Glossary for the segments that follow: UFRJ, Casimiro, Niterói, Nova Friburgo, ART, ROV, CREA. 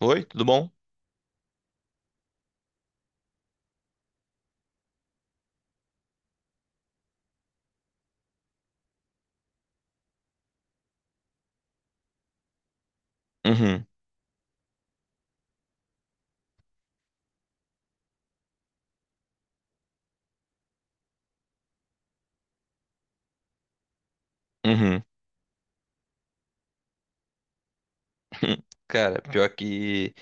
Oi, tudo bom? Uhum, uhum. Cara, pior que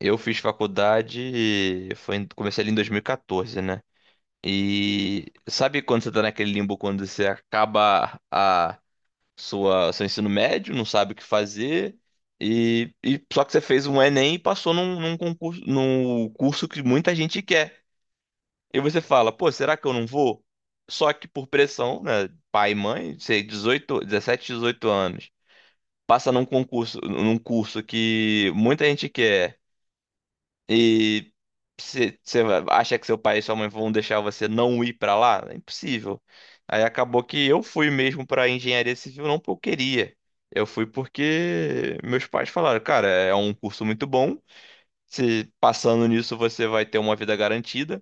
eu fiz faculdade, foi, comecei ali em 2014, né? E sabe quando você tá naquele limbo quando você acaba a sua seu ensino médio, não sabe o que fazer e só que você fez um Enem e passou num concurso, num curso que muita gente quer. E você fala, pô, será que eu não vou? Só que por pressão, né? Pai e mãe, sei, 18, 17, 18 anos. Passa num concurso, num curso que muita gente quer e você acha que seu pai e sua mãe vão deixar você não ir pra lá? É impossível. Aí acabou que eu fui mesmo pra engenharia civil não porque eu queria. Eu fui porque meus pais falaram, cara, é um curso muito bom. Se passando nisso você vai ter uma vida garantida.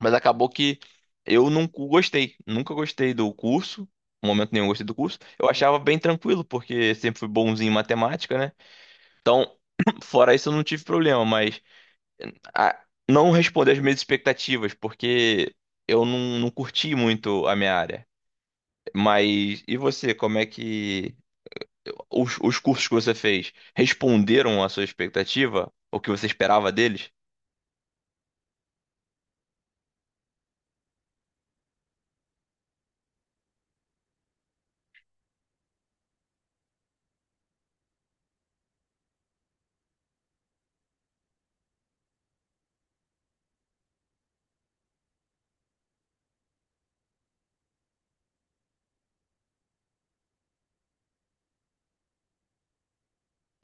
Mas acabou que eu não gostei, nunca gostei do curso. Em momento nenhum gostei do curso. Eu achava bem tranquilo, porque sempre fui bonzinho em matemática, né? Então, fora isso, eu não tive problema, mas ah, não responder às minhas expectativas, porque eu não curti muito a minha área. Mas e você, como é que os cursos que você fez responderam à sua expectativa? O que você esperava deles?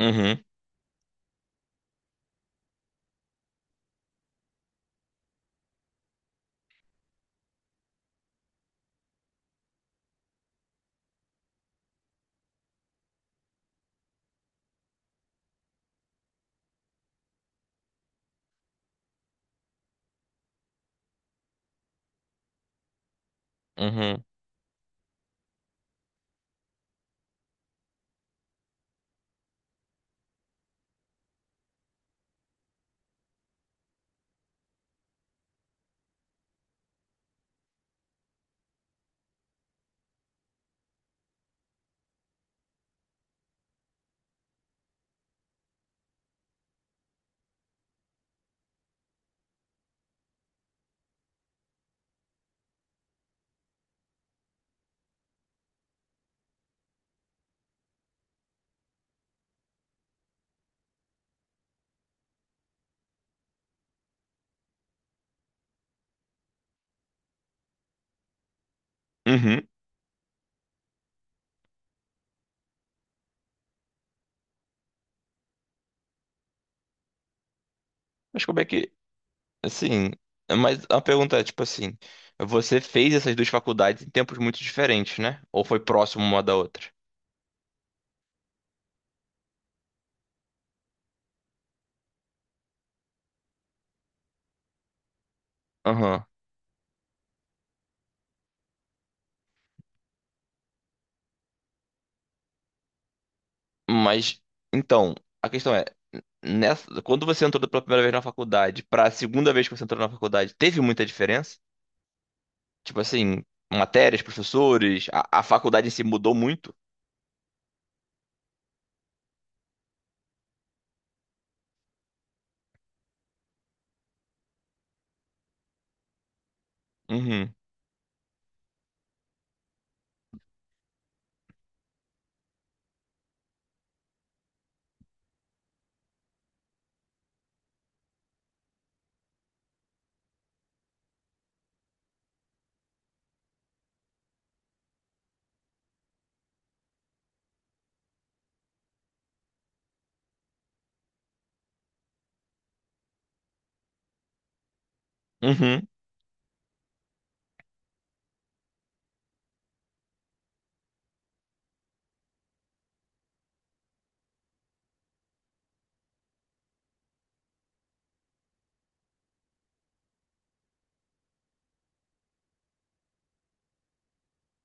Uhum, uhum, uhum. Mas como é que, assim, mas a pergunta é, tipo assim, você fez essas duas faculdades em tempos muito diferentes, né? Ou foi próximo uma da outra? Aham. Mas, então, a questão é nessa, quando você entrou pela primeira vez na faculdade para a segunda vez que você entrou na faculdade, teve muita diferença? Tipo assim, matérias, professores, a faculdade em si mudou muito? Uhum, uhum,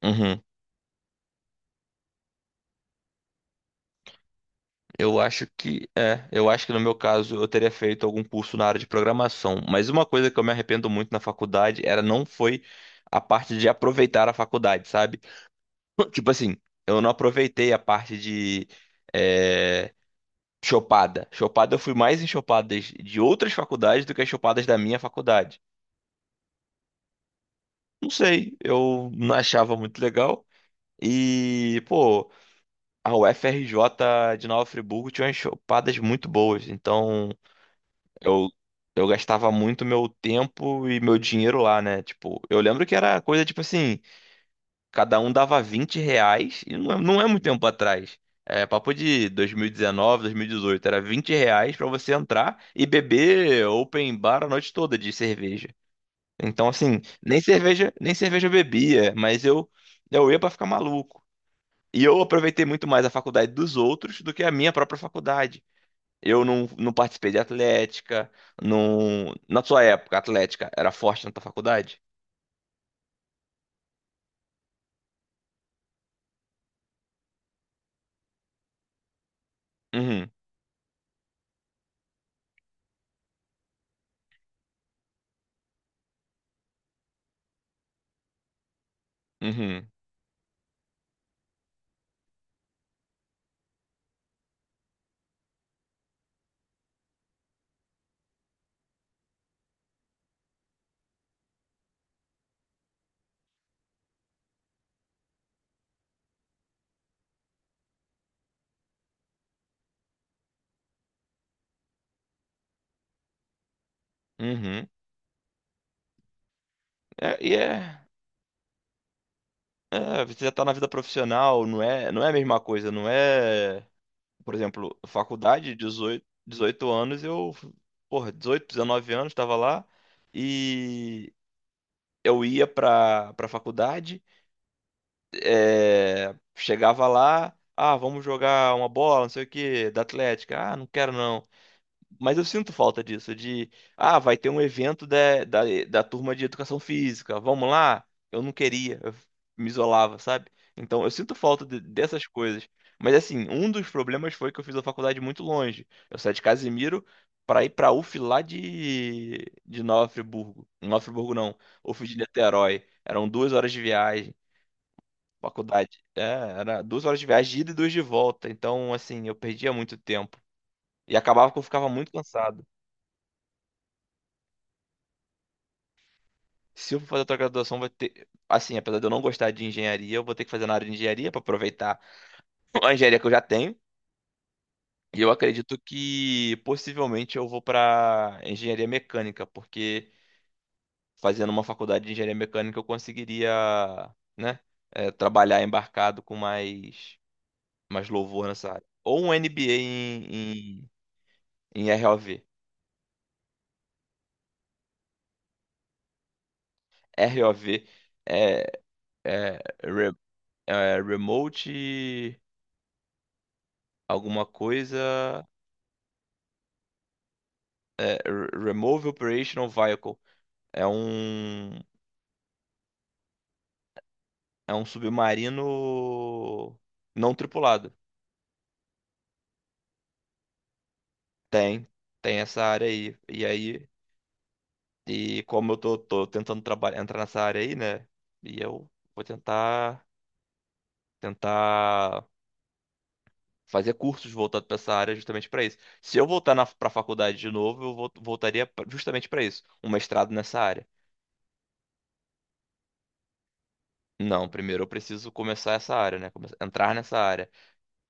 uhum. Eu acho que é, eu acho que no meu caso eu teria feito algum curso na área de programação, mas uma coisa que eu me arrependo muito na faculdade era não foi a parte de aproveitar a faculdade, sabe? Tipo assim, eu não aproveitei a parte de é, Chopada, eu fui mais em chopadas de outras faculdades do que as chopadas da minha faculdade. Não sei, eu não achava muito legal. E, pô, a UFRJ de Nova Friburgo tinha umas chopadas muito boas. Então, eu, eu gastava muito meu tempo e meu dinheiro lá, né? Tipo, eu lembro que era coisa tipo assim. Cada um dava R$ 20, e não é, não é muito tempo atrás. É papo de 2019, 2018. Era R$ 20 pra você entrar e beber open bar a noite toda de cerveja. Então, assim, nem cerveja, nem cerveja eu bebia, mas eu ia pra ficar maluco. E eu aproveitei muito mais a faculdade dos outros do que a minha própria faculdade. Eu não participei de atlética, não... Na sua época, a atlética era forte na tua faculdade? Uhum, uhum, uhum. É, e é. É, você já tá na vida profissional, não é, não é a mesma coisa, não é, por exemplo, faculdade, 18 anos, eu, porra, 18 19 anos, tava lá e eu ia pra faculdade, chegava lá, ah, vamos jogar uma bola, não sei o quê, da Atlética, ah, não quero não. Mas eu sinto falta disso, de, ah, vai ter um evento da turma de educação física, vamos lá? Eu não queria, eu me isolava, sabe? Então eu sinto falta dessas coisas. Mas assim, um dos problemas foi que eu fiz a faculdade muito longe. Eu saí de Casimiro para ir para UF lá de Nova Friburgo. Nova Friburgo não, UF de Niterói. Eram 2 horas de viagem, faculdade. É, era 2 horas de viagem, de ida e duas de volta. Então, assim, eu perdia muito tempo. E acabava que eu ficava muito cansado. Se eu for fazer outra graduação, vai ter. Assim, apesar de eu não gostar de engenharia, eu vou ter que fazer na área de engenharia para aproveitar a engenharia que eu já tenho. E eu acredito que possivelmente eu vou para engenharia mecânica, porque fazendo uma faculdade de engenharia mecânica eu conseguiria, né, trabalhar embarcado com mais, louvor nessa área. Ou um MBA em ROV. ROV é, é, re- é Remote alguma coisa. É, Remove Operational Vehicle. É um, é um submarino não tripulado. Tem, tem essa área aí. E aí, e como eu tô tentando trabalhar, entrar nessa área aí, né? E eu vou tentar fazer cursos voltados para essa área justamente para isso. Se eu voltar na, para a faculdade de novo, eu voltaria justamente para isso, um mestrado nessa área. Não, primeiro eu preciso começar essa área, né? Entrar nessa área.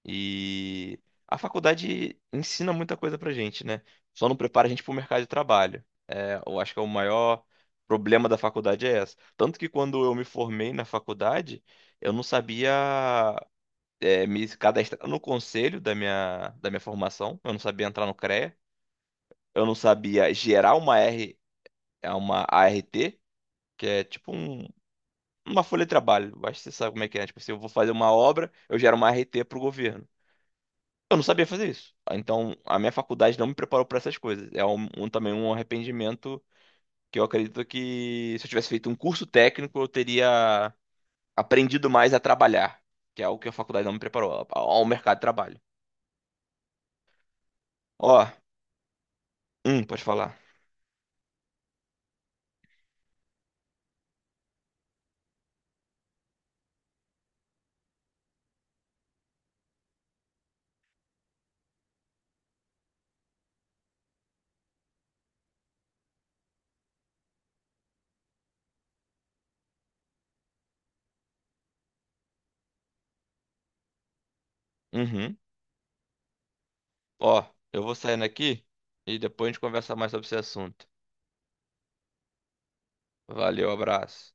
E a faculdade ensina muita coisa pra gente, né? Só não prepara a gente pro mercado de trabalho. É, eu acho que é o maior problema da faculdade é essa. Tanto que quando eu me formei na faculdade, eu não sabia me cadastrar no conselho da minha formação, eu não sabia entrar no CREA, eu não sabia gerar uma R, é uma ART, que é tipo uma folha de trabalho. Acho que você sabe como é que é. Tipo, se eu vou fazer uma obra, eu gero uma ART pro governo. Eu não sabia fazer isso. Ah, então, a minha faculdade não me preparou para essas coisas. Também um arrependimento que eu acredito que se eu tivesse feito um curso técnico, eu teria aprendido mais a trabalhar, que é algo que a faculdade não me preparou ao mercado de trabalho. Ó, pode falar. Uhum. Ó, eu vou saindo aqui e depois a gente conversa mais sobre esse assunto. Valeu, abraço.